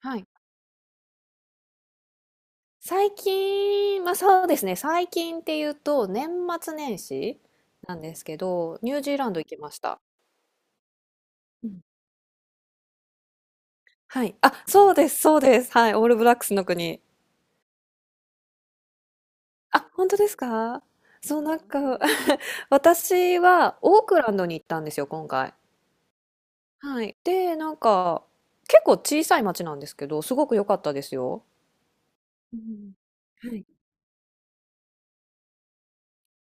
はい。最近、まあそうですね、最近っていうと、年末年始なんですけど、ニュージーランド行きました。うん。はい。あ、そうです、そうです。はい。オールブラックスの国。あ、本当ですか？そう、なんか 私はオークランドに行ったんですよ、今回。はい。で、なんか、結構小さい町なんですけど、すごく良かったですよ。うん。はい。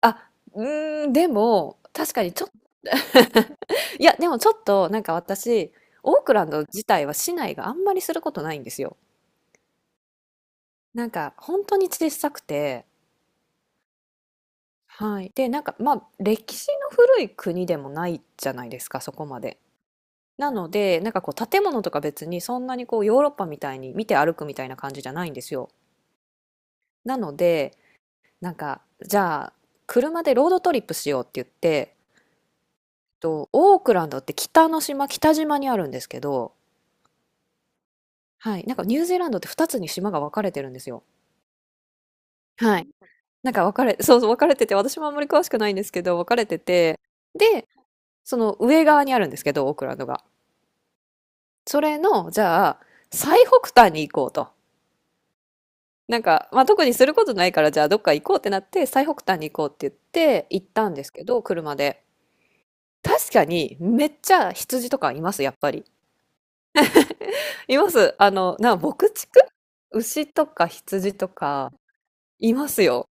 あ、うーん、でも、確かにちょっ いや、でもちょっと、なんか私、オークランド自体は市内があんまりすることないんですよ。なんか、本当に小さくて、はい。で、なんか、まあ、歴史の古い国でもないじゃないですか、そこまで。なので、なんかこう、建物とか別にそんなにこう、ヨーロッパみたいに見て歩くみたいな感じじゃないんですよ。なので、なんか、じゃあ、車でロードトリップしようって言って、と、オークランドって北の島、北島にあるんですけど、はい、なんかニュージーランドって2つに島が分かれてるんですよ。はい。なんか分かれ、そうそう、分かれてて、私もあんまり詳しくないんですけど、分かれてて、で、その上側にあるんですけど、オークランドが。それの、じゃあ、最北端に行こうと。なんか、まあ、特にすることないから、じゃあどっか行こうってなって、最北端に行こうって言って、行ったんですけど、車で。確かに、めっちゃ羊とかいます、やっぱり。います。あの、牧畜牛とか羊とか、いますよ。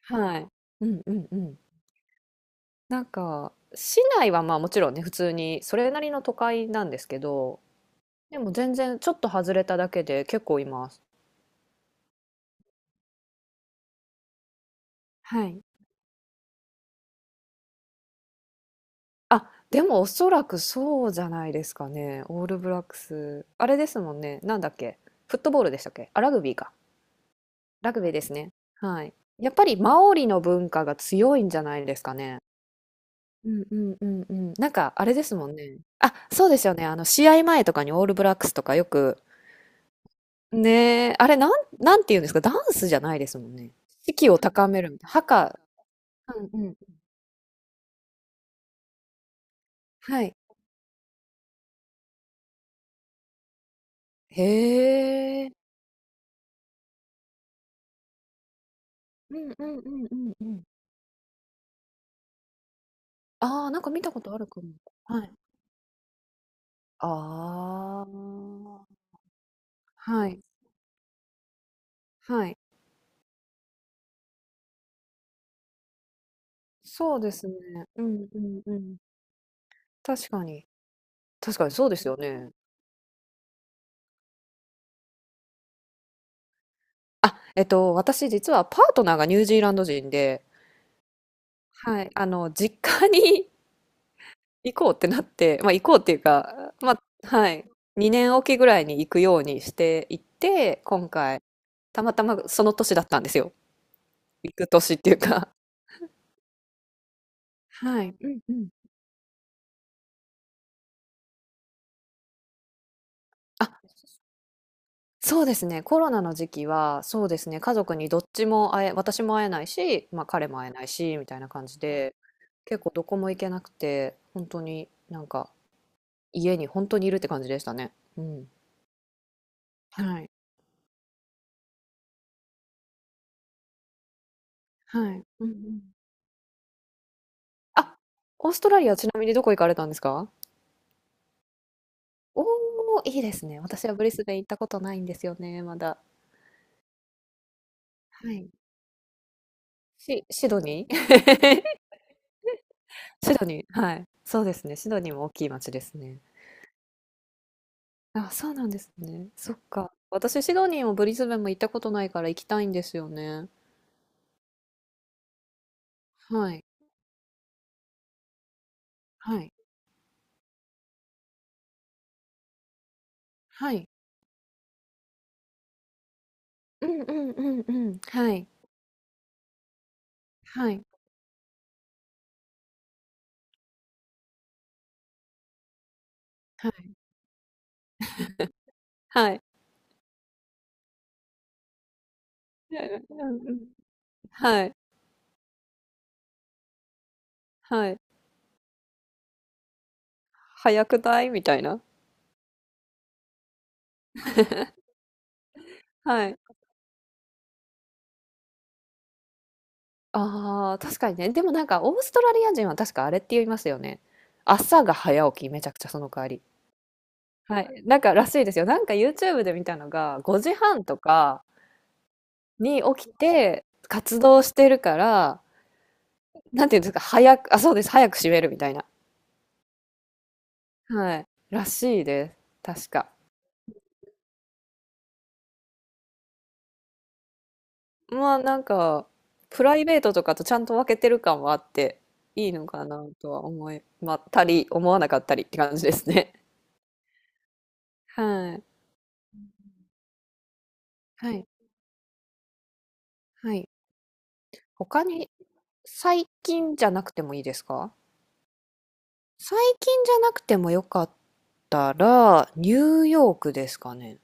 はい。うんうんうん。なんか、市内はまあもちろんね、普通に、それなりの都会なんですけど、でも全然ちょっと外れただけで結構います。はい。あ、でもおそらくそうじゃないですかね。オールブラックス。あれですもんね。なんだっけ。フットボールでしたっけ。あ、ラグビーか。ラグビーですね。はい。やっぱりマオリの文化が強いんじゃないですかね。うんうんうんうん。なんか、あれですもんね。あ、そうですよね。あの、試合前とかにオールブラックスとかよく、ねえ、あれ、なん、なんて言うんですか、ダンスじゃないですもんね。士気を高めるみたいな。うんうん。はい。へえ。うんうんうんうんうん。ああ、なんか見たことあるかも。はい。ああ。はい。はい。そうですね。うんうんうん。確かに。確かにそうですよね。あ、私実はパートナーがニュージーランド人で、はい、あの、実家に 行こうってなって、まあ行こうっていうか、まあ、はい、2年おきぐらいに行くようにしていって、今回、たまたまその年だったんですよ。行く年っていうか。はい、うんうん。あ、そうですね、コロナの時期は、そうですね、家族にどっちも会え、私も会えないし、まあ彼も会えないし、みたいな感じで、結構どこも行けなくて、本当になんか、家に本当にいるって感じでしたね。うん。はい、はい。うんうん。あ、オーストラリア、ちなみにどこ行かれたんですか？おお。ー、いいですね。私はブリスベン行ったことないんですよね、まだ。はい。シドニー。 シドニー、はい。そうですね。シドニーも大きい町ですね。あ、そうなんですね。そっか。私、シドニーもブリスベンも行ったことないから行きたいんですよね。はい。はい。はい。うんうんうんうん。はい。はい。はい。はい。うんうんうん。はい。はい。早くないみたいな。はい。ああ、確かにね。でもなんかオーストラリア人は確かあれって言いますよね。朝が早起き、めちゃくちゃその代わり。はい。なんからしいですよ。なんか YouTube で見たのが、5時半とかに起きて活動してるから、なんていうんですか、早く、あ、そうです。早く閉めるみたいな。はい。らしいです。確か。まあなんか、プライベートとかとちゃんと分けてる感はあって、いいのかなとは思いまったり、思わなかったりって感じですね。はい。はい。はい。他に、最近じゃなくてもいいですか？最近じゃなくてもよかったら、ニューヨークですかね。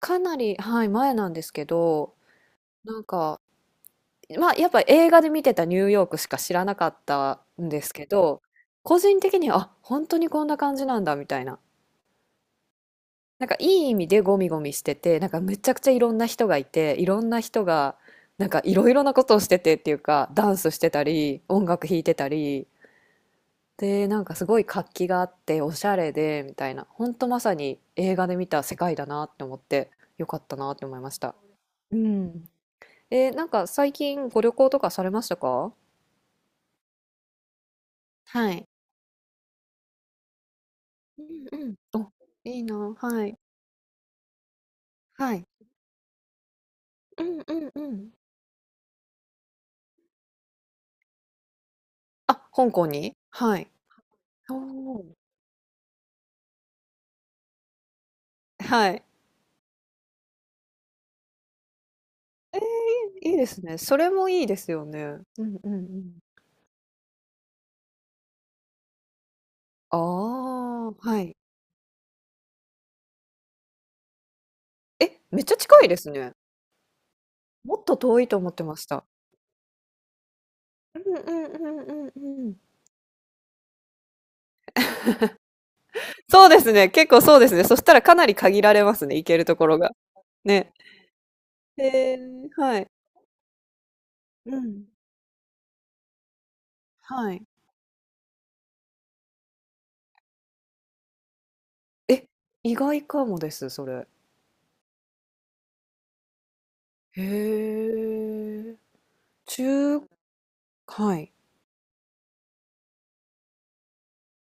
かなり、はい、前なんですけど、なんか、まあ、やっぱ映画で見てたニューヨークしか知らなかったんですけど、個人的には、あ、本当にこんな感じなんだ、みたいな。なんか、いい意味でゴミゴミしてて、なんか、めちゃくちゃいろんな人がいて、いろんな人が、なんか、いろいろなことをしててっていうか、ダンスしてたり、音楽弾いてたり、で、なんかすごい活気があっておしゃれでみたいな、ほんとまさに映画で見た世界だなって思って、よかったなって思いました。うん。なんか最近ご旅行とかされましたか？はい。うんうん。お、いいな。はい。はい。うんうんうん。あ、香港に、はい。おお。はい。えー、いいですね。それもいいですよね。うんうんうん。ああ、はい。え、めっちゃ近いですね。もっと遠いと思ってました。うんうんうんうんうん。そうですね、結構そうですね。そしたらかなり限られますね、行けるところが。ね。へえ、はい。うん、はい。え、意外かもです、それ。へえ。中、はい。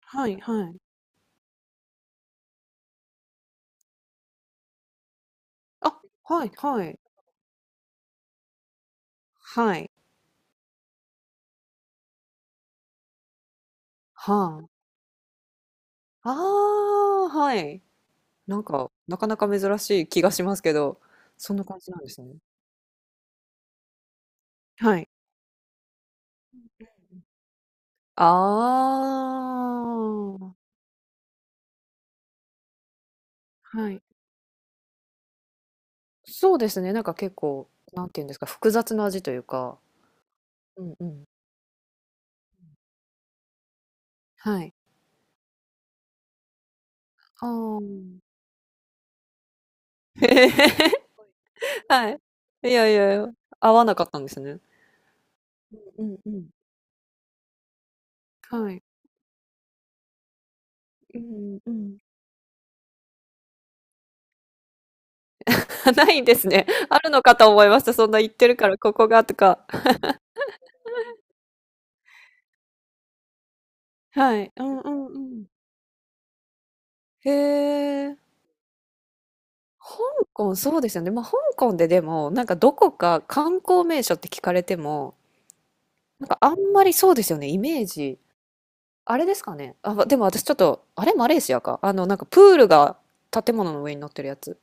はいはい。あ、はいはい。はい。はあ。ああ、はい。なんか、なかなか珍しい気がしますけど、そんな感じなんですね。はい。ああ。はい。そうですね、なんか結構、なんていうんですか、複雑な味というか、うんうん。はい。ああ。はい。いやいやいや、合わなかったんですね。うんうん。はい。うんうん。ないんですね。あるのかと思いました。そんな言ってるから、ここがとか。はい。うんうんうん。へえ。香港、そうですよね。まあ、香港ででも、なんかどこか観光名所って聞かれても、なんかあんまりそうですよね、イメージ。あれですかね。あ、までも私ちょっと、あれマレーシアか。あの、なんかプールが建物の上に乗ってるやつ。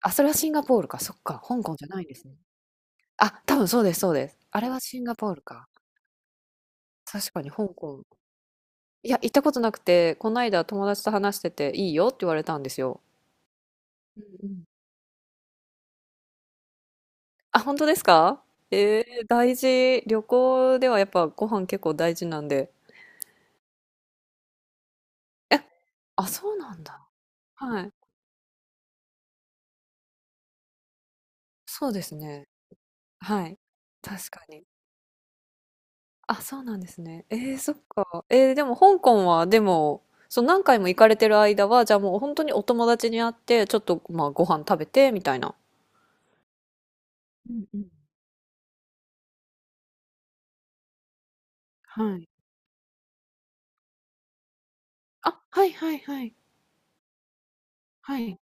あ、それはシンガポールか。そっか。香港じゃないんですね。あ、多分そうです、そうです。あれはシンガポールか。確かに香港。いや、行ったことなくて、この間友達と話してて、いいよって言われたんですよ。うんうん。あ、本当ですか？大事。旅行ではやっぱご飯結構大事なんで。え、あ、そうなんだ。はい。そうですね。はい。確かに。あ、そうなんですね。えー、そっか。えー、でも香港は、でも、そう、何回も行かれてる間は、じゃあもう本当にお友達に会って、ちょっと、まあ、ご飯食べて、みたいな。うんうん。はい。あ、はいはいはい。はい。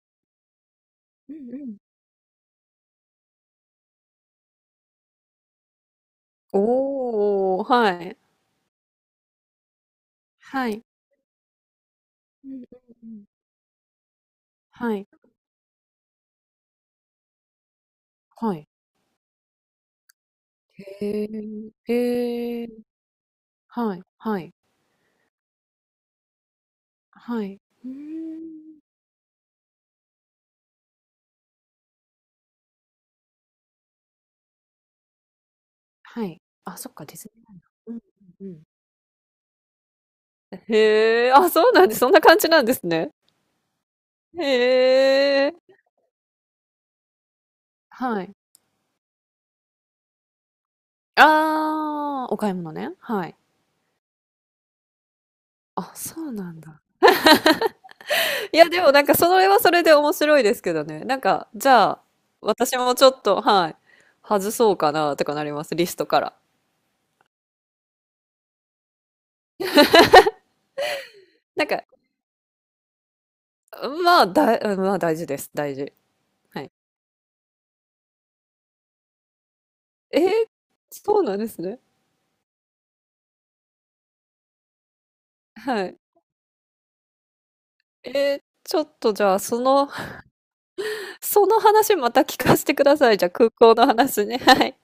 うんうん。おー、はい。はい。うんうんうん。はい。はい。へえ、へえ、はい、はい、はい。うーん。はい。あ、そっか、ディズニーランド。うんうんうん。へえ、あ、そうなんです。そんな感じなんですね。へえ。はい。ああ、お買い物ね。はい。あ、そうなんだ。いや、でもなんかそれはそれで面白いですけどね。なんか、じゃあ、私もちょっと、はい、外そうかなとかなります、リストから。なんか、まあ、うんまあ大事です、大事。はい。えー、そうなんですね。はい。えー、ちょっとじゃあ、その、その話また聞かせてください。じゃあ、空港の話ね。はい。